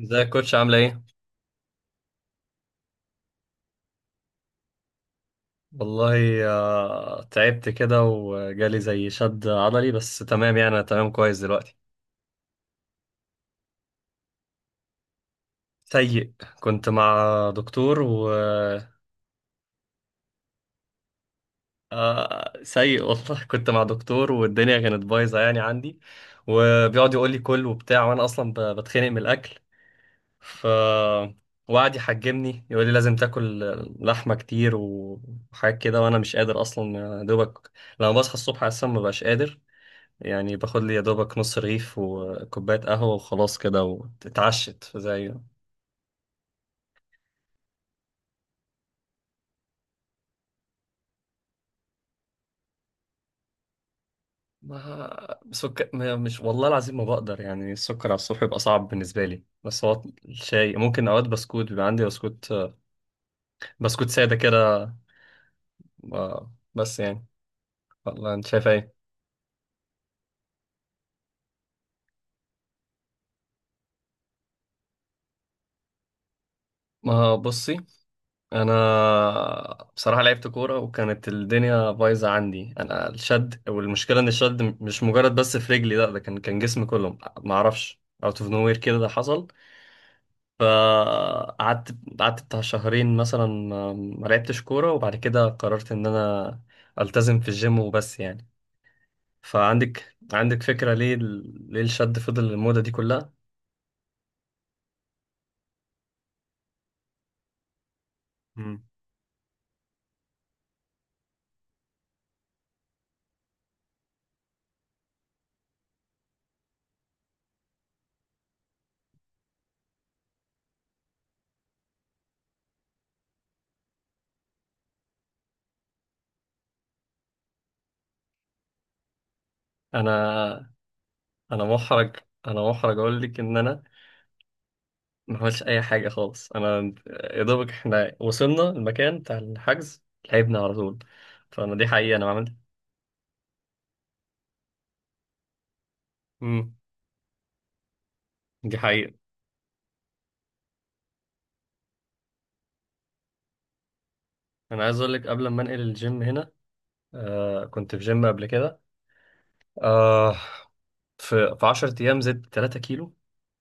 ازيك يا كوتش، عاملة ايه؟ والله. تعبت كده وجالي زي شد عضلي، بس تمام، يعني انا تمام كويس دلوقتي. سيء. كنت مع دكتور و. سيء والله. كنت مع دكتور والدنيا كانت بايظة، يعني عندي، وبيقعد يقول لي كل وبتاع، وانا اصلا بتخنق من الاكل. ف. وقعد يحجمني يقول لي لازم تاكل لحمة كتير وحاجات كده، وانا مش قادر اصلا. يا دوبك لما بصحى الصبح اصلا ما بقاش قادر. يعني باخد لي يا دوبك نص رغيف وكوباية قهوة وخلاص كده، واتعشت زي ما سكر. مش والله العظيم، ما بقدر. يعني السكر على الصبح بيبقى صعب بالنسبة لي، بس هو الشاي ممكن. أوقات بسكوت، بيبقى عندي بسكوت، بسكوت سادة كده. بس يعني، والله أنت شايف إيه؟ ما بصي. أنا بصراحة لعبت كورة، وكانت الدنيا بايظة عندي أنا، الشد. والمشكلة إن الشد مش مجرد بس في رجلي، لا، ده كان جسمي كله، معرفش، اوت اوف نوير كده ده حصل. فقعدت، بتاع شهرين مثلا ما لعبتش كورة، وبعد كده قررت إن أنا ألتزم في الجيم، وبس يعني. فعندك فكرة ليه ليه الشد فضل المدة دي كلها؟ مم. أنا. أنا محرج. أقول لك إن أنا ما عملتش أي حاجة خالص. أنا يا دوبك إحنا وصلنا المكان بتاع الحجز، لعبنا على طول. فأنا دي حقيقة، أنا ما عملت. مم. دي حقيقة. أنا عايز أقول لك قبل ما أنقل الجيم هنا. كنت في جيم قبل كده. آه، في 10 ايام زدت 3 كيلو.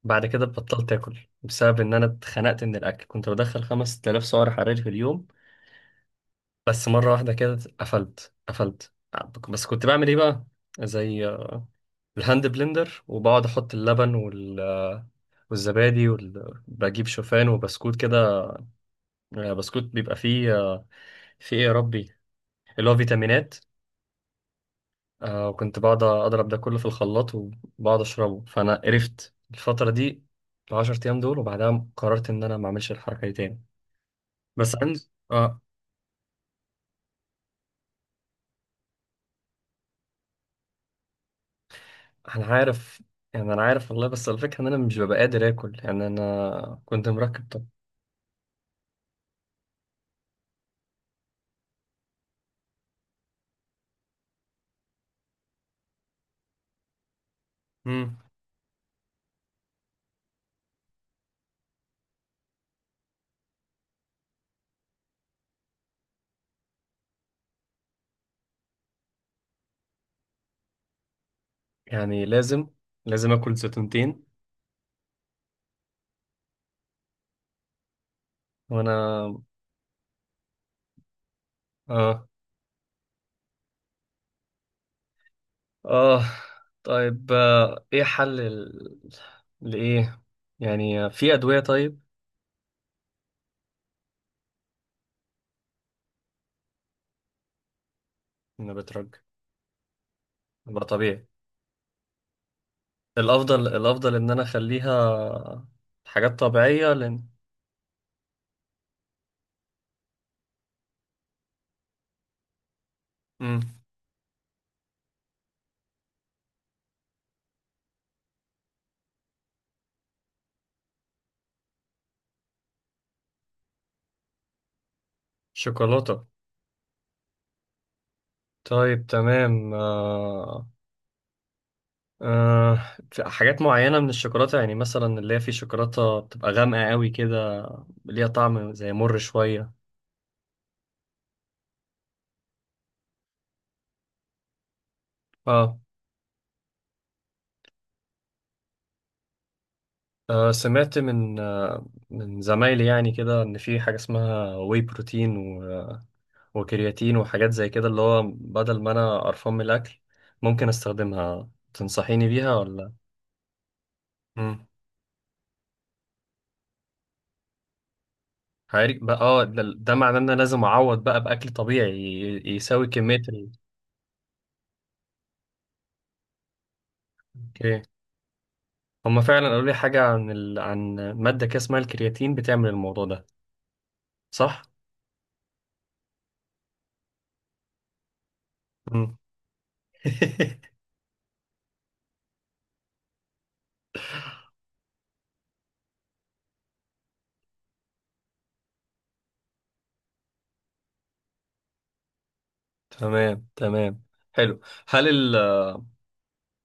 بعد كده بطلت اكل، بسبب ان انا اتخنقت من الاكل. كنت بدخل 5000 سعر حراري في اليوم، بس مره واحده كده قفلت قفلت. بس كنت بعمل ايه بقى؟ زي الهاند بلندر، وبقعد احط اللبن والزبادي وال، بجيب شوفان وبسكوت كده. بسكوت بيبقى فيه ايه يا ربي، اللي هو فيتامينات. آه، وكنت بقعد أضرب ده كله في الخلاط، وبقعد أشربه، فأنا قرفت الفترة دي، العشر أيام دول، وبعدها قررت إن أنا ما أعملش الحركة دي تاني. بس عندي آه. أنا عارف، يعني أنا عارف والله، بس الفكرة إن أنا مش ببقى قادر آكل. يعني أنا كنت مركب طب. امم. يعني لازم، لازم آكل زيتونتين؟ وأنا آه. آه، طيب، إيه حل ال، لإيه؟ يعني في أدوية طيب؟ أنا بترج أبقى طبيعي، الافضل، الافضل ان انا اخليها حاجات طبيعيه لان. مم. شوكولاته. طيب تمام، آه... في حاجات معينه من الشوكولاته، يعني مثلا اللي هي في شوكولاته بتبقى غامقه قوي كده، ليها طعم زي مر شويه. اه. آه، سمعت من من زمايلي يعني كده، ان في حاجه اسمها واي بروتين، و... وكرياتين وحاجات زي كده، اللي هو بدل ما انا قرفان من الاكل، ممكن استخدمها، تنصحيني بيها ولا؟ مم. هاري بقى. اه، ده معناه ان انا لازم اعوض بقى باكل طبيعي، يساوي كميه ال. اوكي. هما فعلا قالوا لي حاجه عن ال، عن ماده كده اسمها الكرياتين، بتعمل الموضوع ده. صح. مم. تمام، تمام، حلو. هل ال،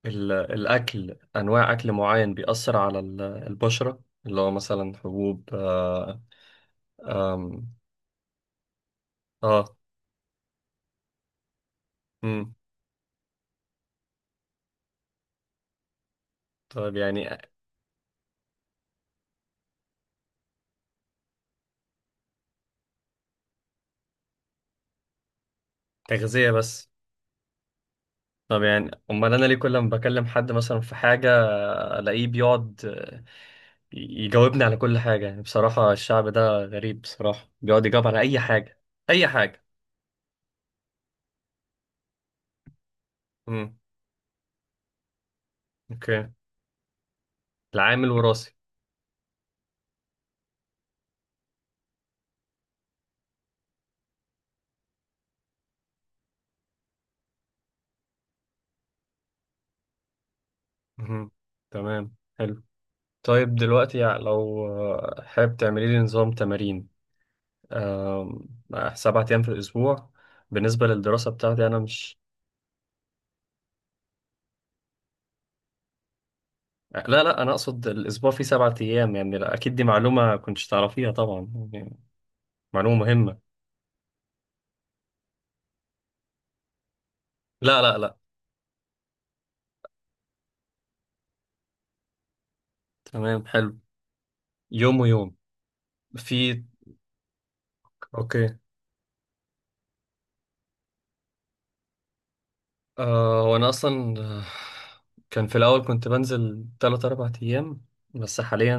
ال الاكل، انواع اكل معين بيأثر على البشره، اللي هو مثلا حبوب اه. آم. اه. مم. طيب يعني، تغذيه بس. طب يعني امال انا ليه كل ما بكلم حد مثلا في حاجه، الاقيه بيقعد يجاوبني على كل حاجة؟ يعني بصراحة الشعب ده غريب، بصراحة بيقعد يجاوب على أي حاجة، أي حاجة. امم. أوكي، العامل وراثي. امم. تمام، حلو. طيب دلوقتي، يعني لو حابب تعملي لي نظام تمارين. آم. آه، 7 أيام في الأسبوع، بالنسبة للدراسة بتاعتي أنا مش. لا لا، أنا أقصد الأسبوع فيه 7 أيام يعني. لا، أكيد دي معلومة كنتش تعرفيها طبعا يعني، معلومة مهمة. لا لا لا. تمام، حلو، يوم ويوم. في. أوكي. أه، وأنا أصلا كان في الأول كنت بنزل تلات أربع أيام، بس حاليا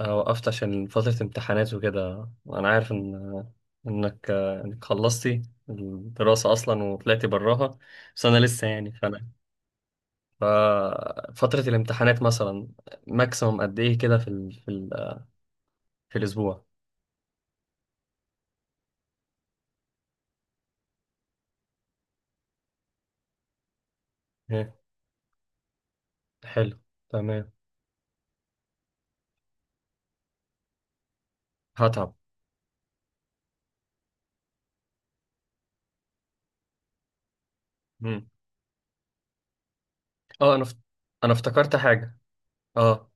وقفت عشان فترة امتحانات وكده. وأنا عارف إن إنك خلصتي الدراسة أصلا وطلعتي براها، بس أنا لسه يعني، فأنا ففترة الامتحانات مثلا، ماكسيموم قد إيه كده، في ال، في الأسبوع؟ إيه، حلو، تمام. هتعب. مم. أه، أنا افتكرت حاجة. أه،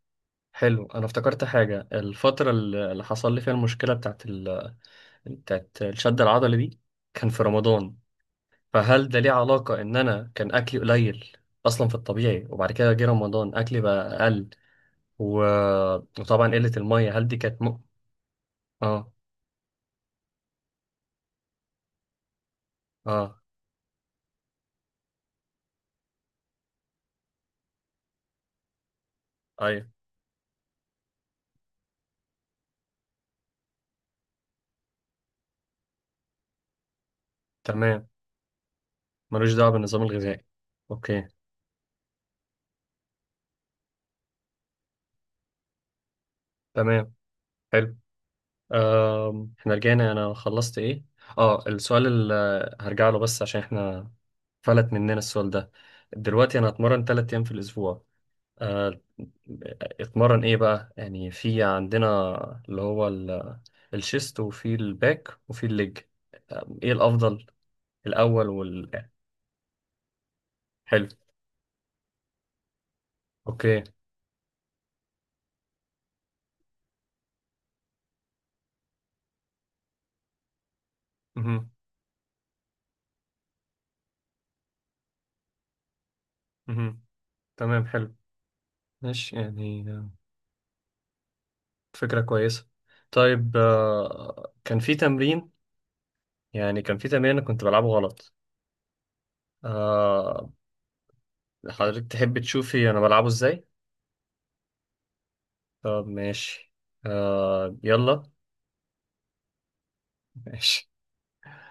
حلو، انا افتكرت حاجه، الفتره اللي حصل لي فيها المشكله بتاعت ال، بتاعت الشد العضلي دي، كان في رمضان. فهل ده ليه علاقه ان انا كان اكلي قليل اصلا في الطبيعي، وبعد كده جه رمضان اكلي بقى اقل، و... وطبعا قله الميه، هل دي كانت م؟ اه. اه. ايوه. تمام، ملوش دعوه بالنظام الغذائي. اوكي. تمام، حلو. آم، احنا رجعنا، انا خلصت ايه؟ اه، السؤال اللي هرجع له، بس عشان احنا فلت مننا السؤال ده. دلوقتي انا اتمرن 3 ايام في الاسبوع، آه، اتمرن ايه بقى؟ يعني في عندنا اللي هو الشيست، وفي الباك، وفي الليج. آه، ايه الافضل، الاول وال. حلو. اوكي. مهم. مهم. تمام، حلو. ماشي، يعني فكرة كويسة. طيب كان في تمرين، يعني كان في تمرين انا كنت بلعبه غلط. آه، حضرتك تحب تشوفي انا بلعبه ازاي؟ طب ماشي. يلا. ماشي.